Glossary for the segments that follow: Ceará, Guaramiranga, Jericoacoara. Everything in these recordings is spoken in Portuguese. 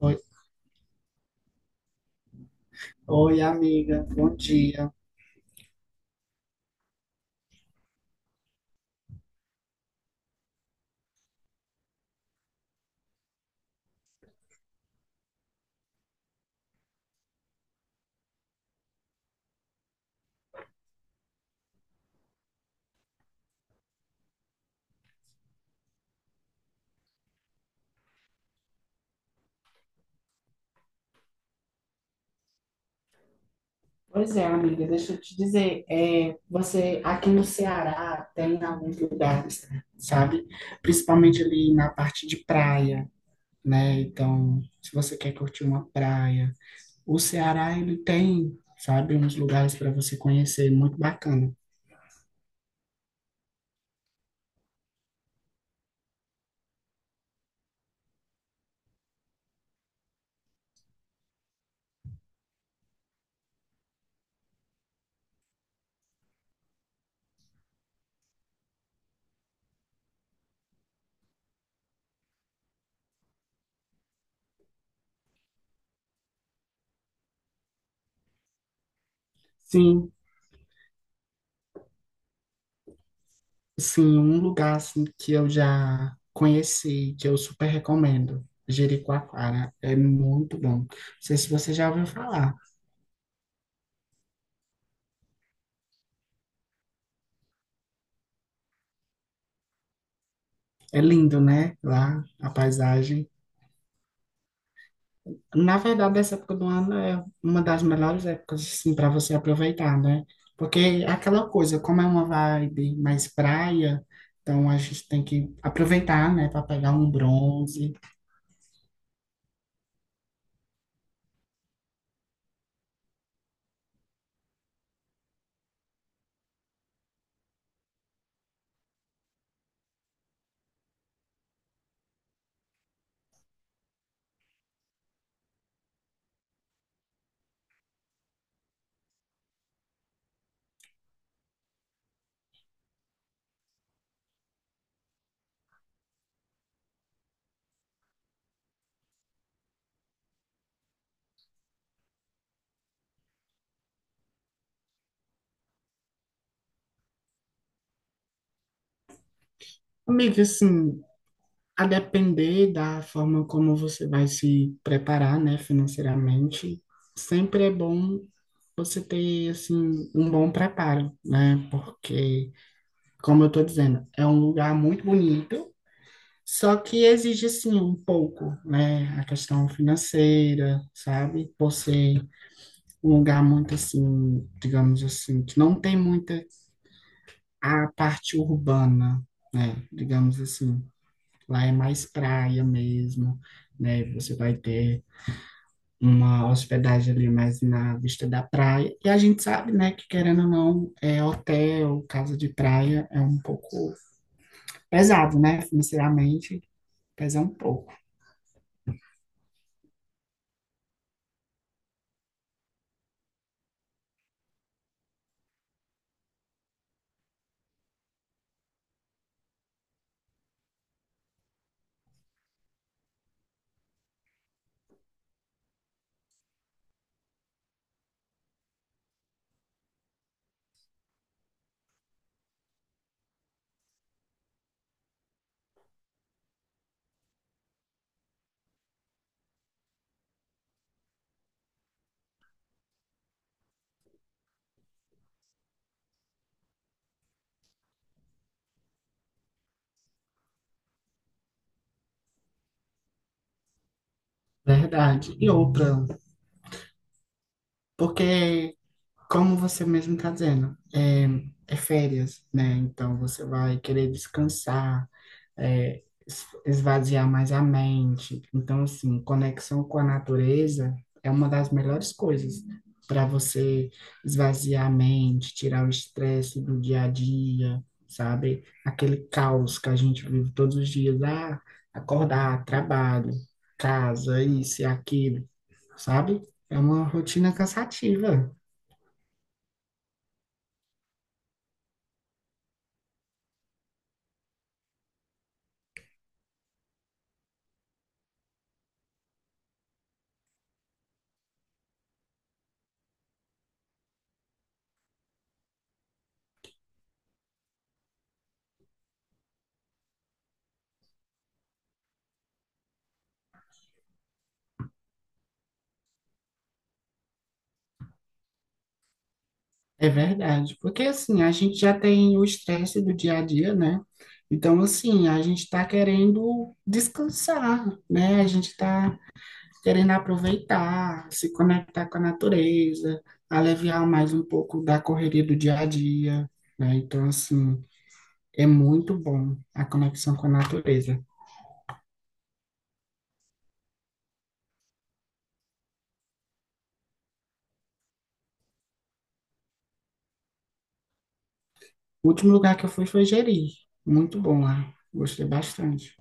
Oi, oi, amiga, bom dia. Pois é, amiga, deixa eu te dizer, é, você aqui no Ceará tem alguns lugares, sabe? Principalmente ali na parte de praia, né? Então, se você quer curtir uma praia, o Ceará ele tem, sabe, uns lugares para você conhecer muito bacana. Sim, sim, um lugar assim, que eu já conheci, que eu super recomendo, Jericoacoara, é muito bom. Não sei se você já ouviu falar. É lindo, né? Lá, a paisagem. Na verdade, essa época do ano é uma das melhores épocas, assim, para você aproveitar, né? Porque é aquela coisa, como é uma vibe mais praia, então a gente tem que aproveitar, né, para pegar um bronze. Amiga, assim, a depender da forma como você vai se preparar, né, financeiramente, sempre é bom você ter, assim, um bom preparo, né? Porque, como eu tô dizendo, é um lugar muito bonito. Só que exige sim um pouco, né? A questão financeira, sabe? Por ser um lugar muito assim, digamos assim, que não tem muita a parte urbana, né? Digamos assim, lá é mais praia mesmo, né? Você vai ter uma hospedagem ali mais na vista da praia. E a gente sabe, né, que querendo ou não, é hotel, casa de praia é um pouco pesado, né? Financeiramente pesa um pouco. Verdade. E outra. Porque, como você mesmo está dizendo, é, é férias, né? Então você vai querer descansar, é, esvaziar mais a mente. Então, assim, conexão com a natureza é uma das melhores coisas para você esvaziar a mente, tirar o estresse do dia a dia, sabe? Aquele caos que a gente vive todos os dias, ah, acordar, trabalho, casa, isso e aquilo, sabe? É uma rotina cansativa. É verdade, porque assim, a gente já tem o estresse do dia a dia, né? Então, assim, a gente está querendo descansar, né? A gente está querendo aproveitar, se conectar com a natureza, aliviar mais um pouco da correria do dia a dia, né? Então, assim, é muito bom a conexão com a natureza. O último lugar que eu fui foi Jeri, muito bom lá, gostei bastante.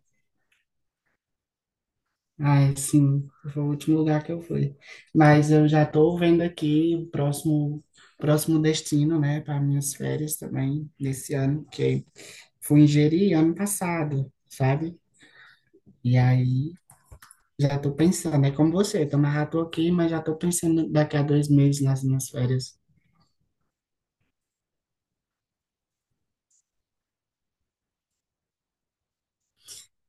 Ah, sim, foi o último lugar que eu fui. Mas eu já estou vendo aqui o próximo destino, né, para minhas férias também, desse ano, que fui em Jeri ano passado, sabe? E aí já estou pensando, é como você, então mas já tô aqui, mas já estou pensando daqui a dois meses nas minhas férias.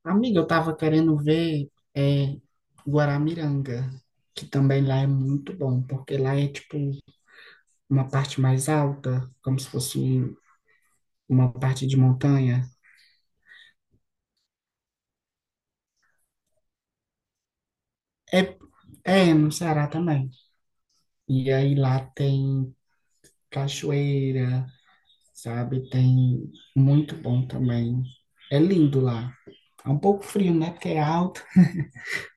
Amiga, eu estava querendo ver é, Guaramiranga, que também lá é muito bom, porque lá é tipo uma parte mais alta, como se fosse uma parte de montanha. É, é no Ceará também. E aí lá tem cachoeira, sabe? Tem muito bom também. É lindo lá. É um pouco frio, né? Porque é alto,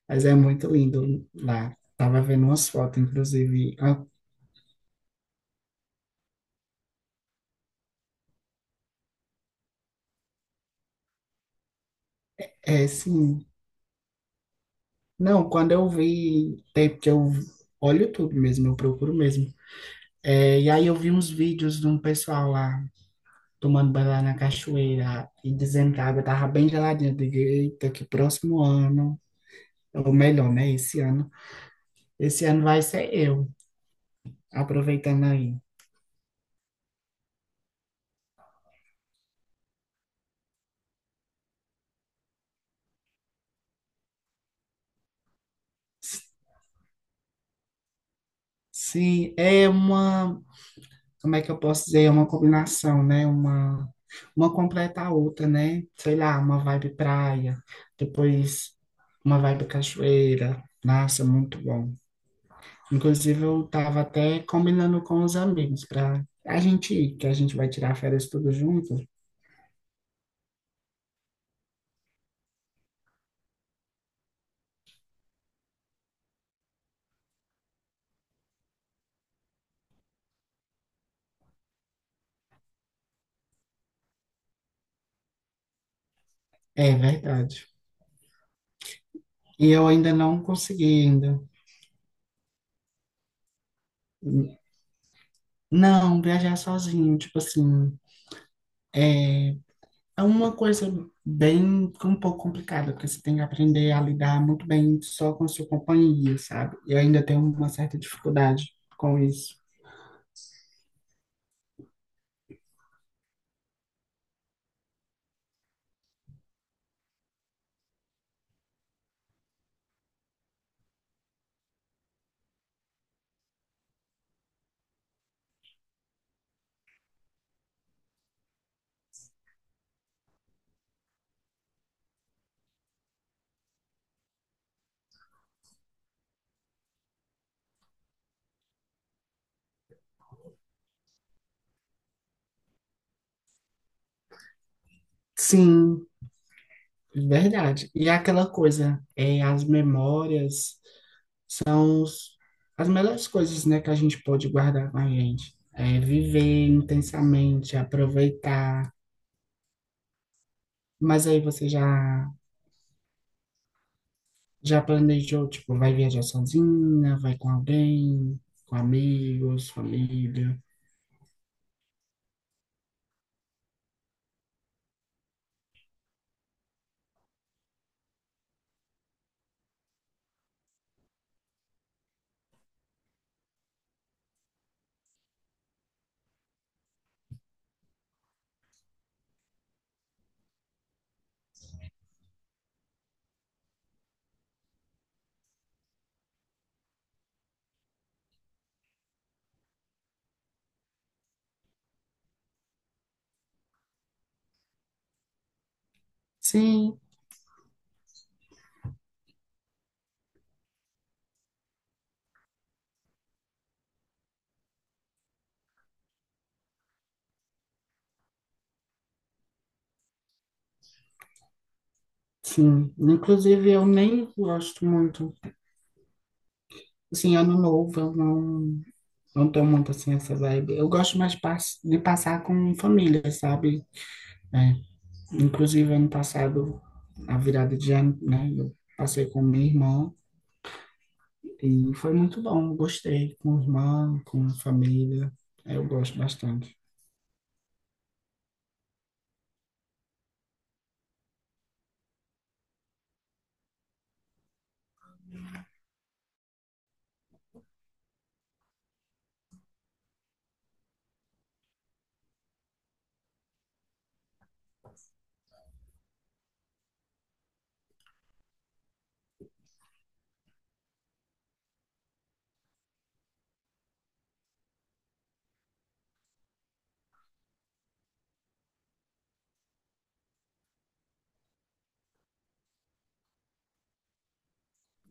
mas é muito lindo lá. Tava vendo umas fotos, inclusive. Ah, é, sim. Não, quando eu vi, tem porque eu olho tudo mesmo, eu procuro mesmo. É, e aí eu vi uns vídeos de um pessoal lá tomando banho lá na cachoeira e dizendo que a água tava bem geladinha. Eu digo, eita, que próximo ano, ou melhor, né? Esse ano vai ser eu, aproveitando aí. S- Sim, é uma, como é que eu posso dizer? É uma combinação, né? Uma completa a outra, né? Sei lá, uma vibe praia, depois uma vibe cachoeira. Nossa, muito bom. Inclusive, eu tava até combinando com os amigos para a gente ir, que a gente vai tirar férias tudo junto. É verdade. E eu ainda não consegui ainda. Não, viajar sozinho, tipo assim, é uma coisa bem um pouco complicada, porque você tem que aprender a lidar muito bem só com a sua companhia, sabe? Eu ainda tenho uma certa dificuldade com isso. Sim, verdade. E é aquela coisa, é, as memórias são as melhores coisas, né, que a gente pode guardar com a gente. É viver intensamente, aproveitar. Mas aí você já. Já planejou, tipo, vai viajar sozinha, vai com alguém, com amigos, família? Sim, sim. Inclusive, eu nem gosto muito. Assim, ano novo, eu não, não tô muito assim essa vibe. Eu gosto mais de passar com família, sabe? É. Inclusive, ano passado, a virada de ano, né? Eu passei com minha irmã e foi muito bom. Gostei. Com irmã, com família. É, eu gosto bastante.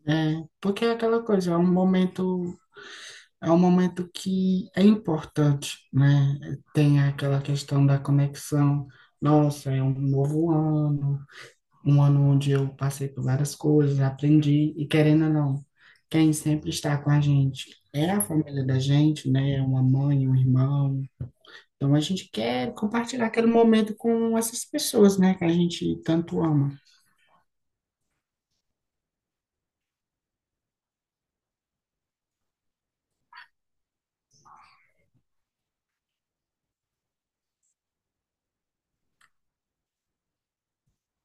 É, porque é aquela coisa, é um momento que é importante, né? Tem aquela questão da conexão. Nossa, é um novo ano, um ano onde eu passei por várias coisas, aprendi, e querendo ou não, quem sempre está com a gente é a família da gente, né? É uma mãe, um irmão. Então a gente quer compartilhar aquele momento com essas pessoas, né? Que a gente tanto ama.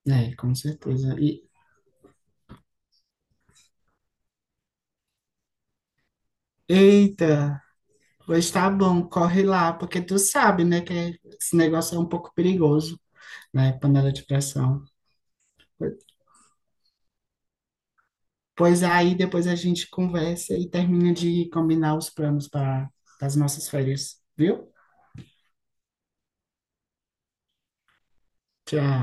É, com certeza. E, eita! Pois tá bom, corre lá, porque tu sabe, né, que esse negócio é um pouco perigoso, né, panela de pressão. Pois aí depois a gente conversa e termina de combinar os planos para as nossas férias, viu? Tchau.